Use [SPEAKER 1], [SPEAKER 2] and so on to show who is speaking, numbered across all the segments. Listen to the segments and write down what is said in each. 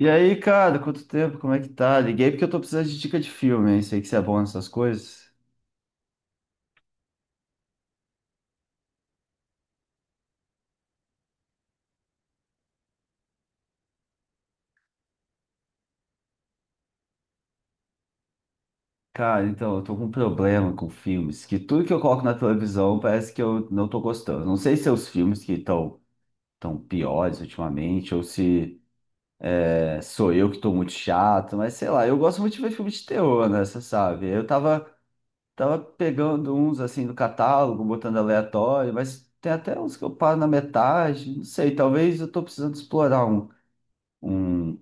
[SPEAKER 1] E aí, cara, quanto tempo? Como é que tá? Liguei porque eu tô precisando de dica de filme, hein? Sei que você é bom nessas coisas. Cara, então, eu tô com um problema com filmes, que tudo que eu coloco na televisão parece que eu não tô gostando. Não sei se é os filmes que estão tão piores ultimamente, ou se é, sou eu que tô muito chato, mas sei lá, eu gosto muito de ver filme de terror, né? Você sabe? Eu tava pegando uns, assim, do catálogo, botando aleatório, mas tem até uns que eu paro na metade, não sei, talvez eu tô precisando explorar um... um.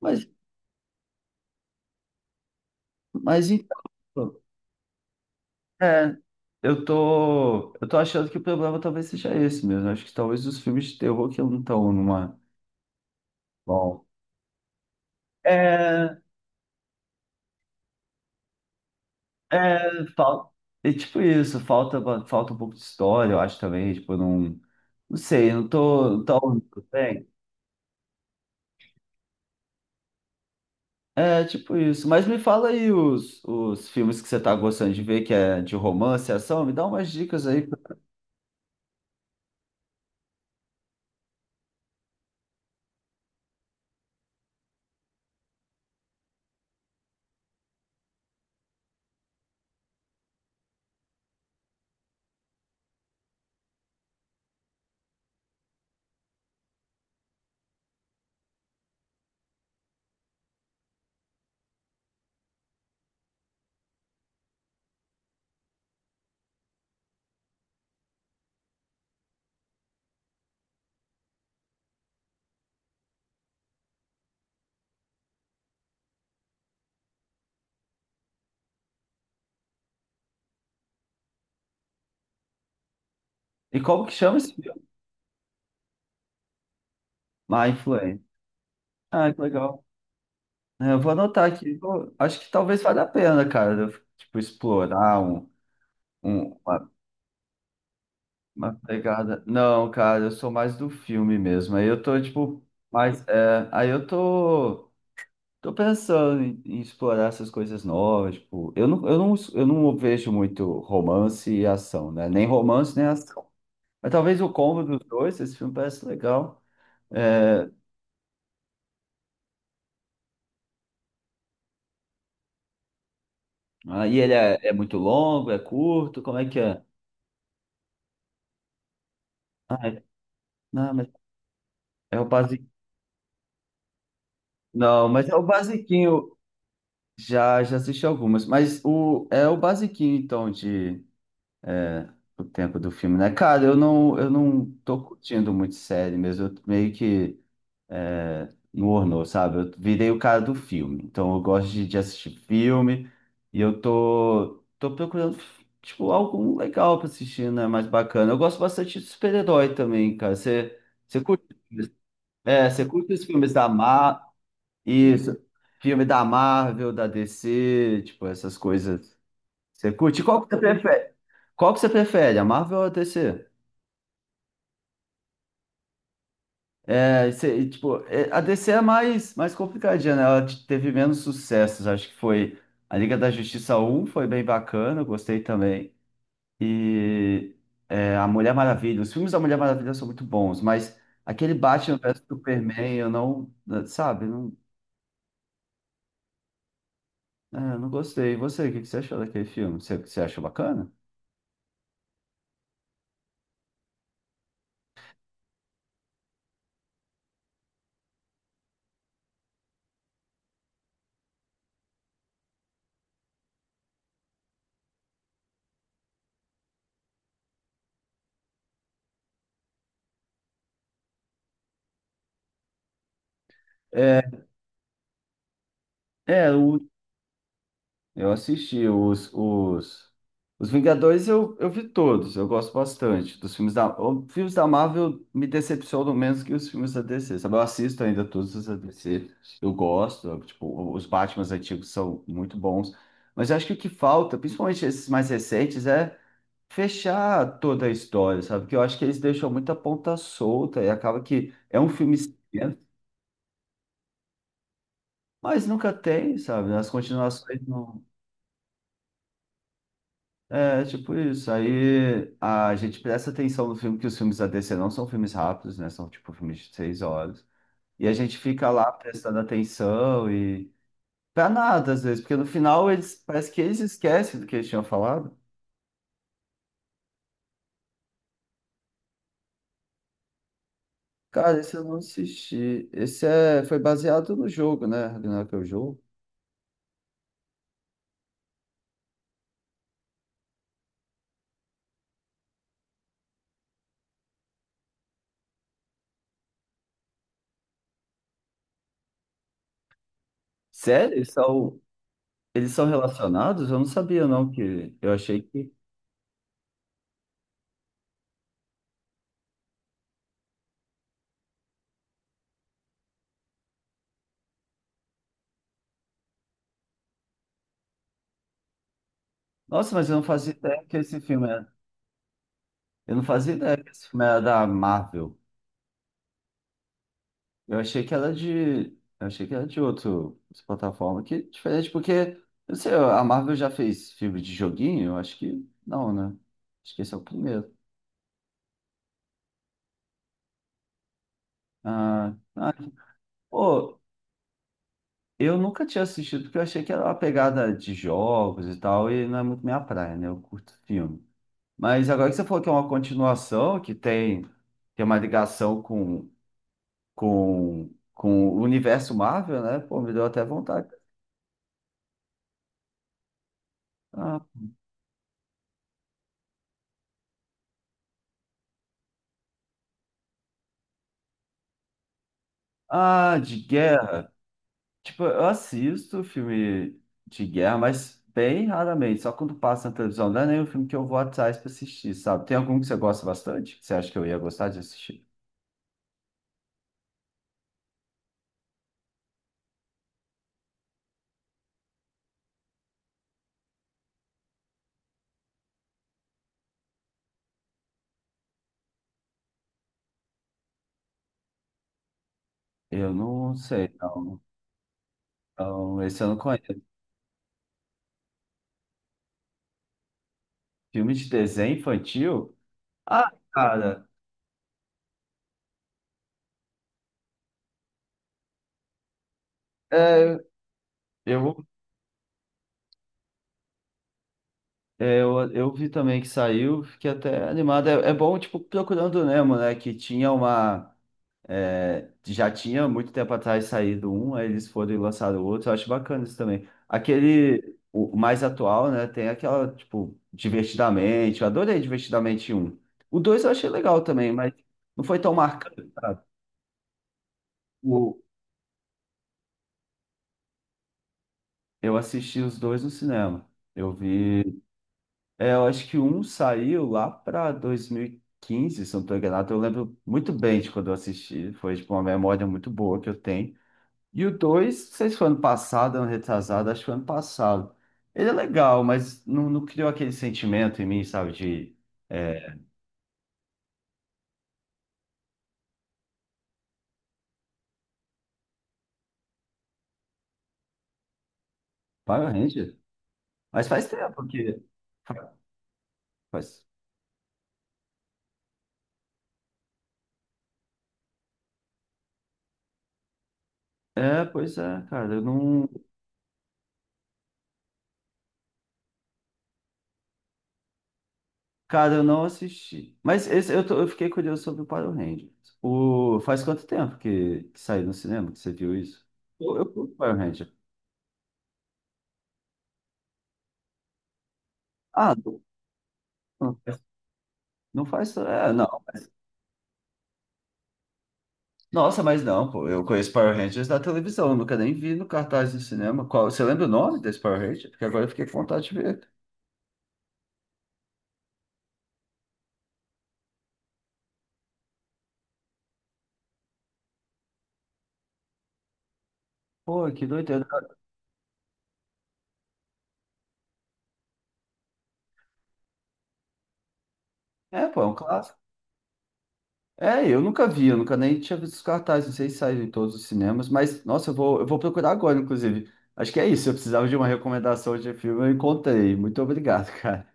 [SPEAKER 1] Mas Mas então, é, eu tô achando que o problema talvez seja esse mesmo. Acho que talvez os filmes de terror que não estão numa. Bom. É, é, falta. É tipo isso, falta, falta um pouco de história, eu acho também. Tipo, não. Não sei, não tô. Tá único, tem. É, tipo isso. Mas me fala aí os filmes que você tá gostando de ver, que é de romance, ação, me dá umas dicas aí. E como que chama esse filme? My Influence. Ah, que legal. É, eu vou anotar aqui. Pô, acho que talvez valha a pena, cara, eu, tipo, explorar um, um- uma pegada. Não, cara, eu sou mais do filme mesmo. Aí eu tô, tipo, mais. É, aí eu tô, tô pensando em, em explorar essas coisas novas. Tipo, eu não vejo muito romance e ação, né? Nem romance, nem ação. Mas talvez o combo dos dois, esse filme parece legal. É, aí ele é, é muito longo, é curto, como é que é? Ah, é- não, mas é o base. Não, mas é o basiquinho. Já, já assisti algumas, mas o, é o basiquinho, então, de o tempo do filme, né? Cara, eu não tô curtindo muito série mesmo, eu meio que é, no ornou, sabe? Eu virei o cara do filme, então eu gosto de assistir filme e eu tô procurando, tipo, algo legal pra assistir, né? Mais bacana. Eu gosto bastante de super-herói também, cara. Você, você curte, é, você curte os filmes da Marvel? Isso. Filme da Marvel, da DC, tipo, essas coisas. Você curte? Qual que você prefere? Qual que você prefere, a Marvel ou a DC? É, você- e, tipo, é, a DC é mais, mais complicadinha, né? Ela te- teve menos sucessos. Acho que foi a Liga da Justiça um foi bem bacana, eu gostei também. E é, a Mulher Maravilha. Os filmes da Mulher Maravilha são muito bons, mas aquele Batman vs Superman, eu não, sabe, não, é, eu não gostei. E você, o que que você achou daquele filme? Você, você achou bacana? É, é, o- eu assisti os Vingadores, eu vi todos, eu gosto bastante dos filmes da... Os filmes da Marvel me decepcionam menos que os filmes da DC, sabe? Eu assisto ainda todos os da DC, eu gosto, eu, tipo, os Batmans antigos são muito bons, mas eu acho que o que falta, principalmente esses mais recentes, é fechar toda a história, sabe? Porque eu acho que eles deixam muita ponta solta e acaba que é um filme, extenso, mas nunca tem, sabe? As continuações. É, tipo isso. Aí a gente presta atenção no filme, que os filmes da DC não são filmes rápidos, né? São tipo filmes de seis horas. E a gente fica lá prestando atenção e. Pra nada, às vezes, porque no final eles parece que eles esquecem do que eles tinham falado. Cara, esse eu não assisti. Esse é... foi baseado no jogo, né? Ragnarok é o jogo. Sério? Eles são relacionados? Eu não sabia, não, que eu achei que. Nossa, mas eu não fazia ideia que esse filme era. Eu não fazia ideia que esse filme era da Marvel. Eu achei que era de. Eu achei que era de outro, outra plataforma que é diferente, porque, eu não sei, a Marvel já fez filme de joguinho? Eu acho que não, né? Acho que esse é o primeiro. Ah, ah, pô, eu nunca tinha assistido, porque eu achei que era uma pegada de jogos e tal, e não é muito minha praia, né? Eu curto filme. Mas agora que você falou que é uma continuação, que tem, tem uma ligação com, com o universo Marvel, né? Pô, me deu até vontade. Ah, de guerra. Tipo, eu assisto filme de guerra, mas bem raramente, só quando passa na televisão. Não é nem um filme que eu vou atrás pra assistir, sabe? Tem algum que você gosta bastante? Que você acha que eu ia gostar de assistir? Eu não sei, não. Então, esse eu não conheço. Filme de desenho infantil? Ah, cara, é, eu, é, eu vi também que saiu, fiquei até animado. É, é bom, tipo, Procurando Nemo, né? Que tinha uma. É, já tinha muito tempo atrás saído um, aí eles foram e lançaram outro. Eu acho bacana isso também. Aquele, o mais atual, né? Tem aquela, tipo, Divertidamente. Eu adorei Divertidamente um. O dois eu achei legal também, mas não foi tão marcante, sabe? O, eu assisti os dois no cinema. Eu vi. É, eu acho que um saiu lá pra 2015, se eu não tô enganado. Eu lembro muito bem de quando eu assisti. Foi, tipo, uma memória muito boa que eu tenho. E o 2 não sei se foi ano passado, ano retrasado, acho que foi ano passado. Ele é legal, mas não, não criou aquele sentimento em mim, sabe, de é, Power Ranger. Mas faz tempo porque faz. É, pois é, cara, eu não assisti. Mas esse, eu, tô- eu fiquei curioso sobre o Power Ranger. O, faz quanto tempo que saiu no cinema que você viu isso? Eu curto Power Ranger. Ah, não faz, não faz, é, não. Nossa, mas não, pô. Eu conheço Power Rangers da televisão, eu nunca nem vi no cartaz do cinema. Qual, você lembra o nome desse Power Ranger? Porque agora eu fiquei com vontade de ver. Pô, que doideira. É, pô, é um clássico. É, eu nunca vi, eu nunca nem tinha visto os cartazes, não sei se saíram em todos os cinemas, mas, nossa, eu vou procurar agora, inclusive. Acho que é isso, eu precisava de uma recomendação de filme, eu encontrei. Muito obrigado, cara.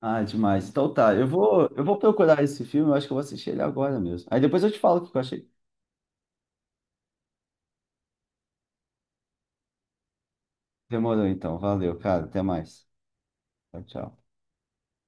[SPEAKER 1] Ah, demais. Então tá, eu vou procurar esse filme, eu acho que eu vou assistir ele agora mesmo. Aí depois eu te falo o que eu achei. Demorou então, valeu, cara, até mais. Tchau, tchau.